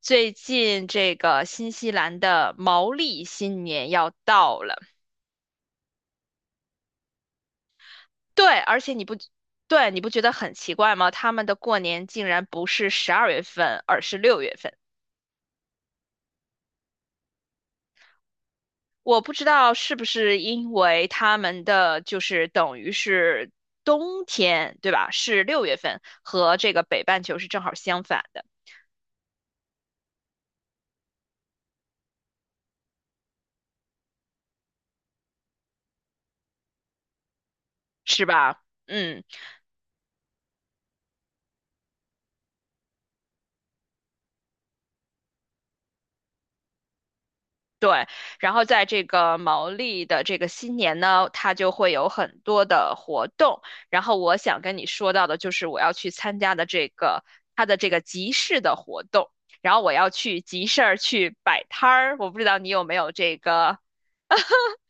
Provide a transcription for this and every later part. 最近这个新西兰的毛利新年要到了。对，而且你不，对，你不觉得很奇怪吗？他们的过年竟然不是12月份，而是六月份。我不知道是不是因为他们的就是等于是冬天，对吧？是六月份，和这个北半球是正好相反的，是吧？嗯。对，然后在这个毛利的这个新年呢，它就会有很多的活动。然后我想跟你说到的就是我要去参加的这个它的这个集市的活动，然后我要去集市儿去摆摊儿。我不知道你有没有这个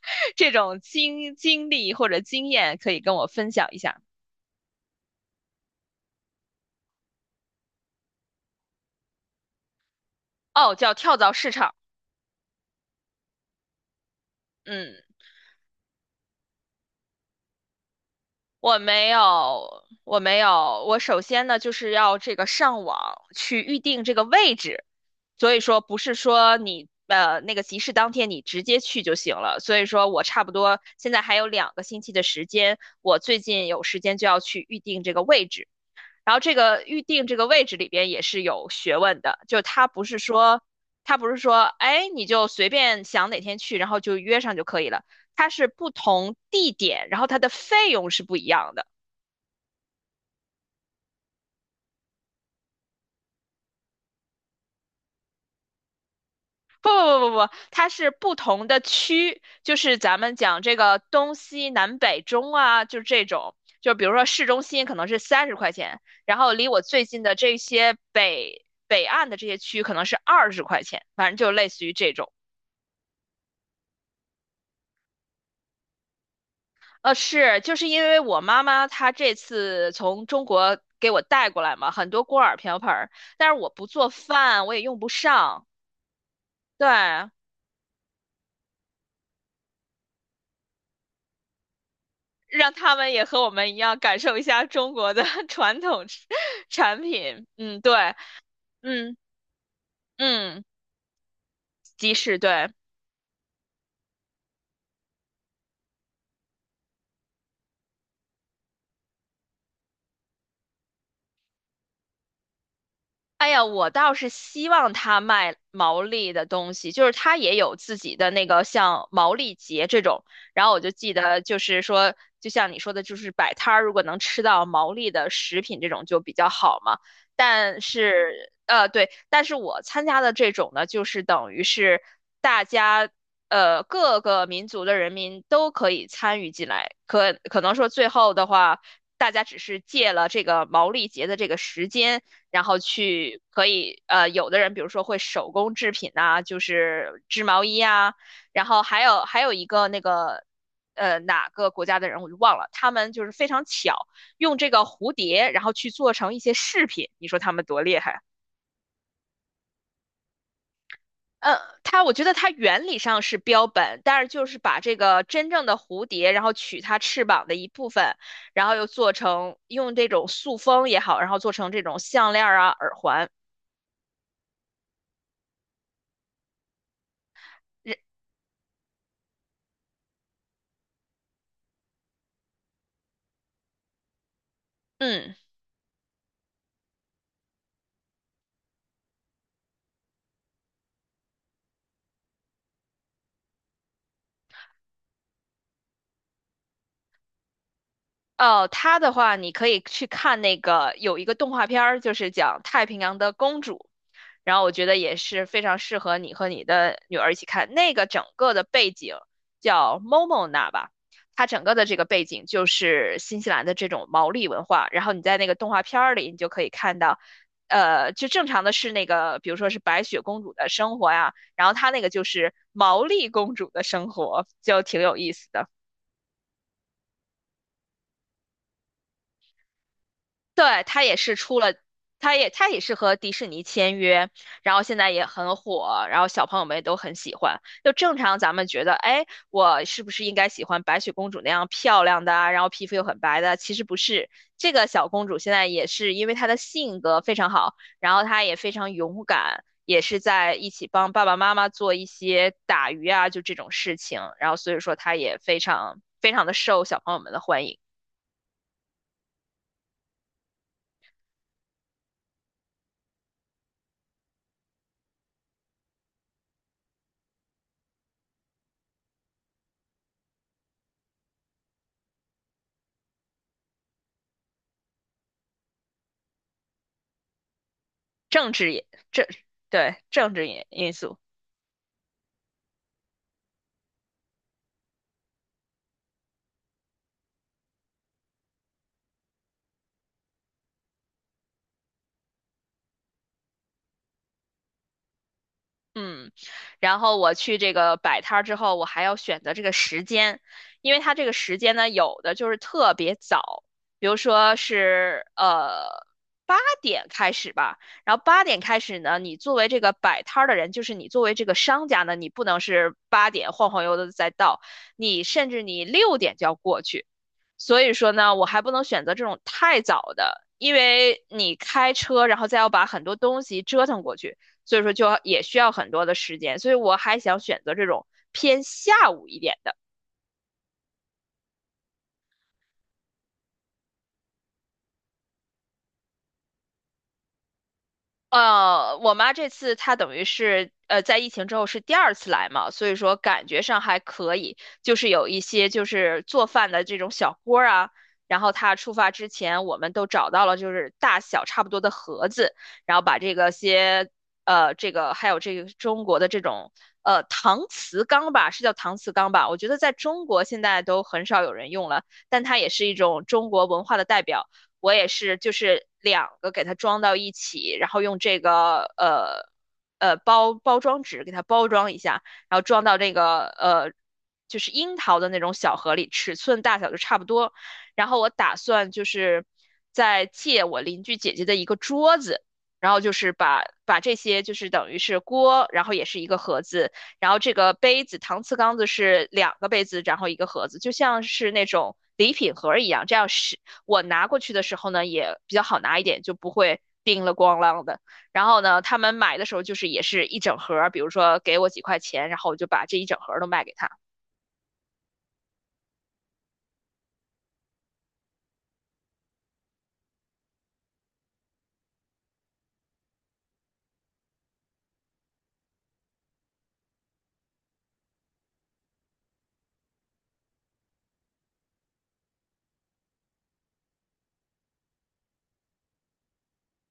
这种经历或者经验可以跟我分享一下？哦，叫跳蚤市场。嗯。我没有，我没有。我首先呢，就是要这个上网去预定这个位置，所以说不是说你那个集市当天你直接去就行了。所以说我差不多现在还有2个星期的时间，我最近有时间就要去预定这个位置。然后这个预定这个位置里边也是有学问的，就它不是说哎你就随便想哪天去，然后就约上就可以了。它是不同地点，然后它的费用是不一样的。不不不不不，它是不同的区，就是咱们讲这个东西南北中啊，就是这种。就比如说市中心可能是30块钱，然后离我最近的这些北岸的这些区可能是20块钱，反正就类似于这种。是，就是因为我妈妈她这次从中国给我带过来嘛，很多锅碗瓢盆儿，但是我不做饭，我也用不上。对，让他们也和我们一样感受一下中国的 传统产品。嗯，对，嗯嗯，即市，对。哎呀，我倒是希望他卖毛利的东西，就是他也有自己的那个像毛利节这种。然后我就记得，就是说，就像你说的，就是摆摊儿，如果能吃到毛利的食品这种就比较好嘛。但是，对，但是我参加的这种呢，就是等于是大家，各个民族的人民都可以参与进来。可能说最后的话。大家只是借了这个毛利节的这个时间，然后去可以有的人比如说会手工制品呐、就是织毛衣啊，然后还有一个那个哪个国家的人我就忘了，他们就是非常巧，用这个蝴蝶然后去做成一些饰品，你说他们多厉害？它我觉得它原理上是标本，但是就是把这个真正的蝴蝶，然后取它翅膀的一部分，然后又做成用这种塑封也好，然后做成这种项链儿啊、耳环。嗯。哦，它的话，你可以去看那个有一个动画片儿，就是讲太平洋的公主，然后我觉得也是非常适合你和你的女儿一起看。那个整个的背景叫 Momona 吧，它整个的这个背景就是新西兰的这种毛利文化。然后你在那个动画片儿里，你就可以看到，就正常的是那个，比如说是白雪公主的生活呀，然后她那个就是毛利公主的生活，就挺有意思的。对，他也是出了，他也是和迪士尼签约，然后现在也很火，然后小朋友们也都很喜欢。就正常咱们觉得，哎，我是不是应该喜欢白雪公主那样漂亮的啊然后皮肤又很白的啊？其实不是，这个小公主现在也是因为她的性格非常好，然后她也非常勇敢，也是在一起帮爸爸妈妈做一些打鱼啊，就这种事情，然后所以说她也非常非常的受小朋友们的欢迎。政治因政对，政治因素，嗯，然后我去这个摆摊儿之后，我还要选择这个时间，因为它这个时间呢，有的就是特别早，比如说是八点开始吧，然后八点开始呢，你作为这个摆摊儿的人，就是你作为这个商家呢，你不能是八点晃晃悠悠的再到，你甚至你6点就要过去。所以说呢，我还不能选择这种太早的，因为你开车，然后再要把很多东西折腾过去，所以说就要也需要很多的时间。所以我还想选择这种偏下午一点的。我妈这次她等于是在疫情之后是第二次来嘛，所以说感觉上还可以，就是有一些就是做饭的这种小锅儿啊，然后她出发之前，我们都找到了就是大小差不多的盒子，然后把这个些这个还有这个中国的这种搪瓷缸吧，是叫搪瓷缸吧？我觉得在中国现在都很少有人用了，但它也是一种中国文化的代表。我也是就是两个给它装到一起，然后用这个包装纸给它包装一下，然后装到这个就是樱桃的那种小盒里，尺寸大小就差不多。然后我打算就是再借我邻居姐姐的一个桌子。然后就是把这些就是等于是锅，然后也是一个盒子，然后这个杯子搪瓷缸子是2个杯子，然后一个盒子，就像是那种礼品盒一样，这样我拿过去的时候呢，也比较好拿一点，就不会叮了咣啷的。然后呢，他们买的时候就是也是一整盒比如说给我几块钱，然后我就把这一整盒都卖给他。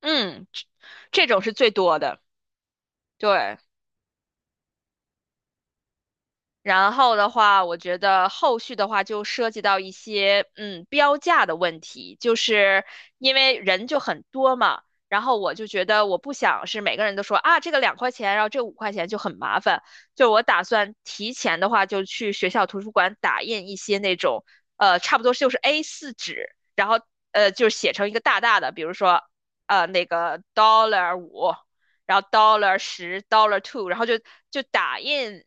嗯，这种是最多的，对。然后的话，我觉得后续的话就涉及到一些标价的问题，就是因为人就很多嘛，然后我就觉得我不想是每个人都说啊这个两块钱，然后这五块钱就很麻烦，就我打算提前的话就去学校图书馆打印一些那种差不多就是 A4 纸，然后就写成一个大大的，比如说那个 $5。然后 $10 $2，然后就打印，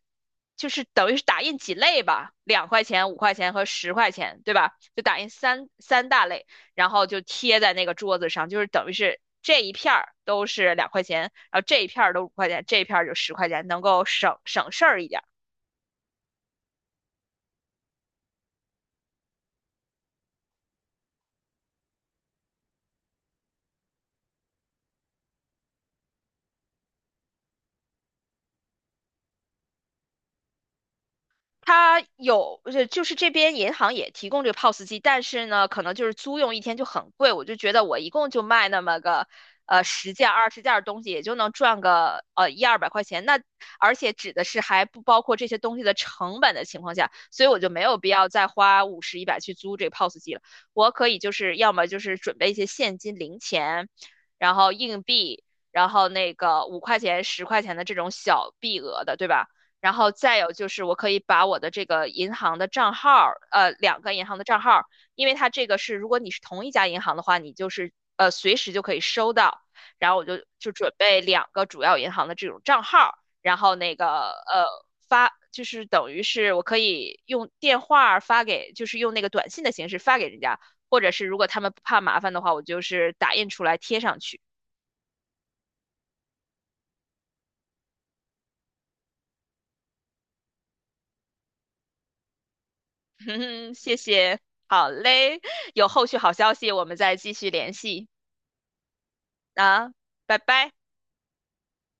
就是等于是打印几类吧，两块钱、五块钱和十块钱，对吧？就打印三大类，然后就贴在那个桌子上，就是等于是这一片儿都是两块钱，然后这一片儿都五块钱，这一片儿就十块钱，能够省省事儿一点。它有，就是这边银行也提供这个 POS 机，但是呢，可能就是租用一天就很贵。我就觉得我一共就卖那么个，十件、20件的东西，也就能赚个一二百块钱。那而且指的是还不包括这些东西的成本的情况下，所以我就没有必要再花50、100去租这个 POS 机了。我可以就是要么就是准备一些现金、零钱，然后硬币，然后那个五块钱、十块钱的这种小币额的，对吧？然后再有就是，我可以把我的这个银行的账号2个银行的账号因为它这个是，如果你是同一家银行的话，你就是随时就可以收到。然后我就准备2个主要银行的这种账号，然后那个发，就是等于是我可以用电话发给，就是用那个短信的形式发给人家，或者是如果他们不怕麻烦的话，我就是打印出来贴上去。哼哼，谢谢，好嘞，有后续好消息我们再继续联系。啊，拜拜。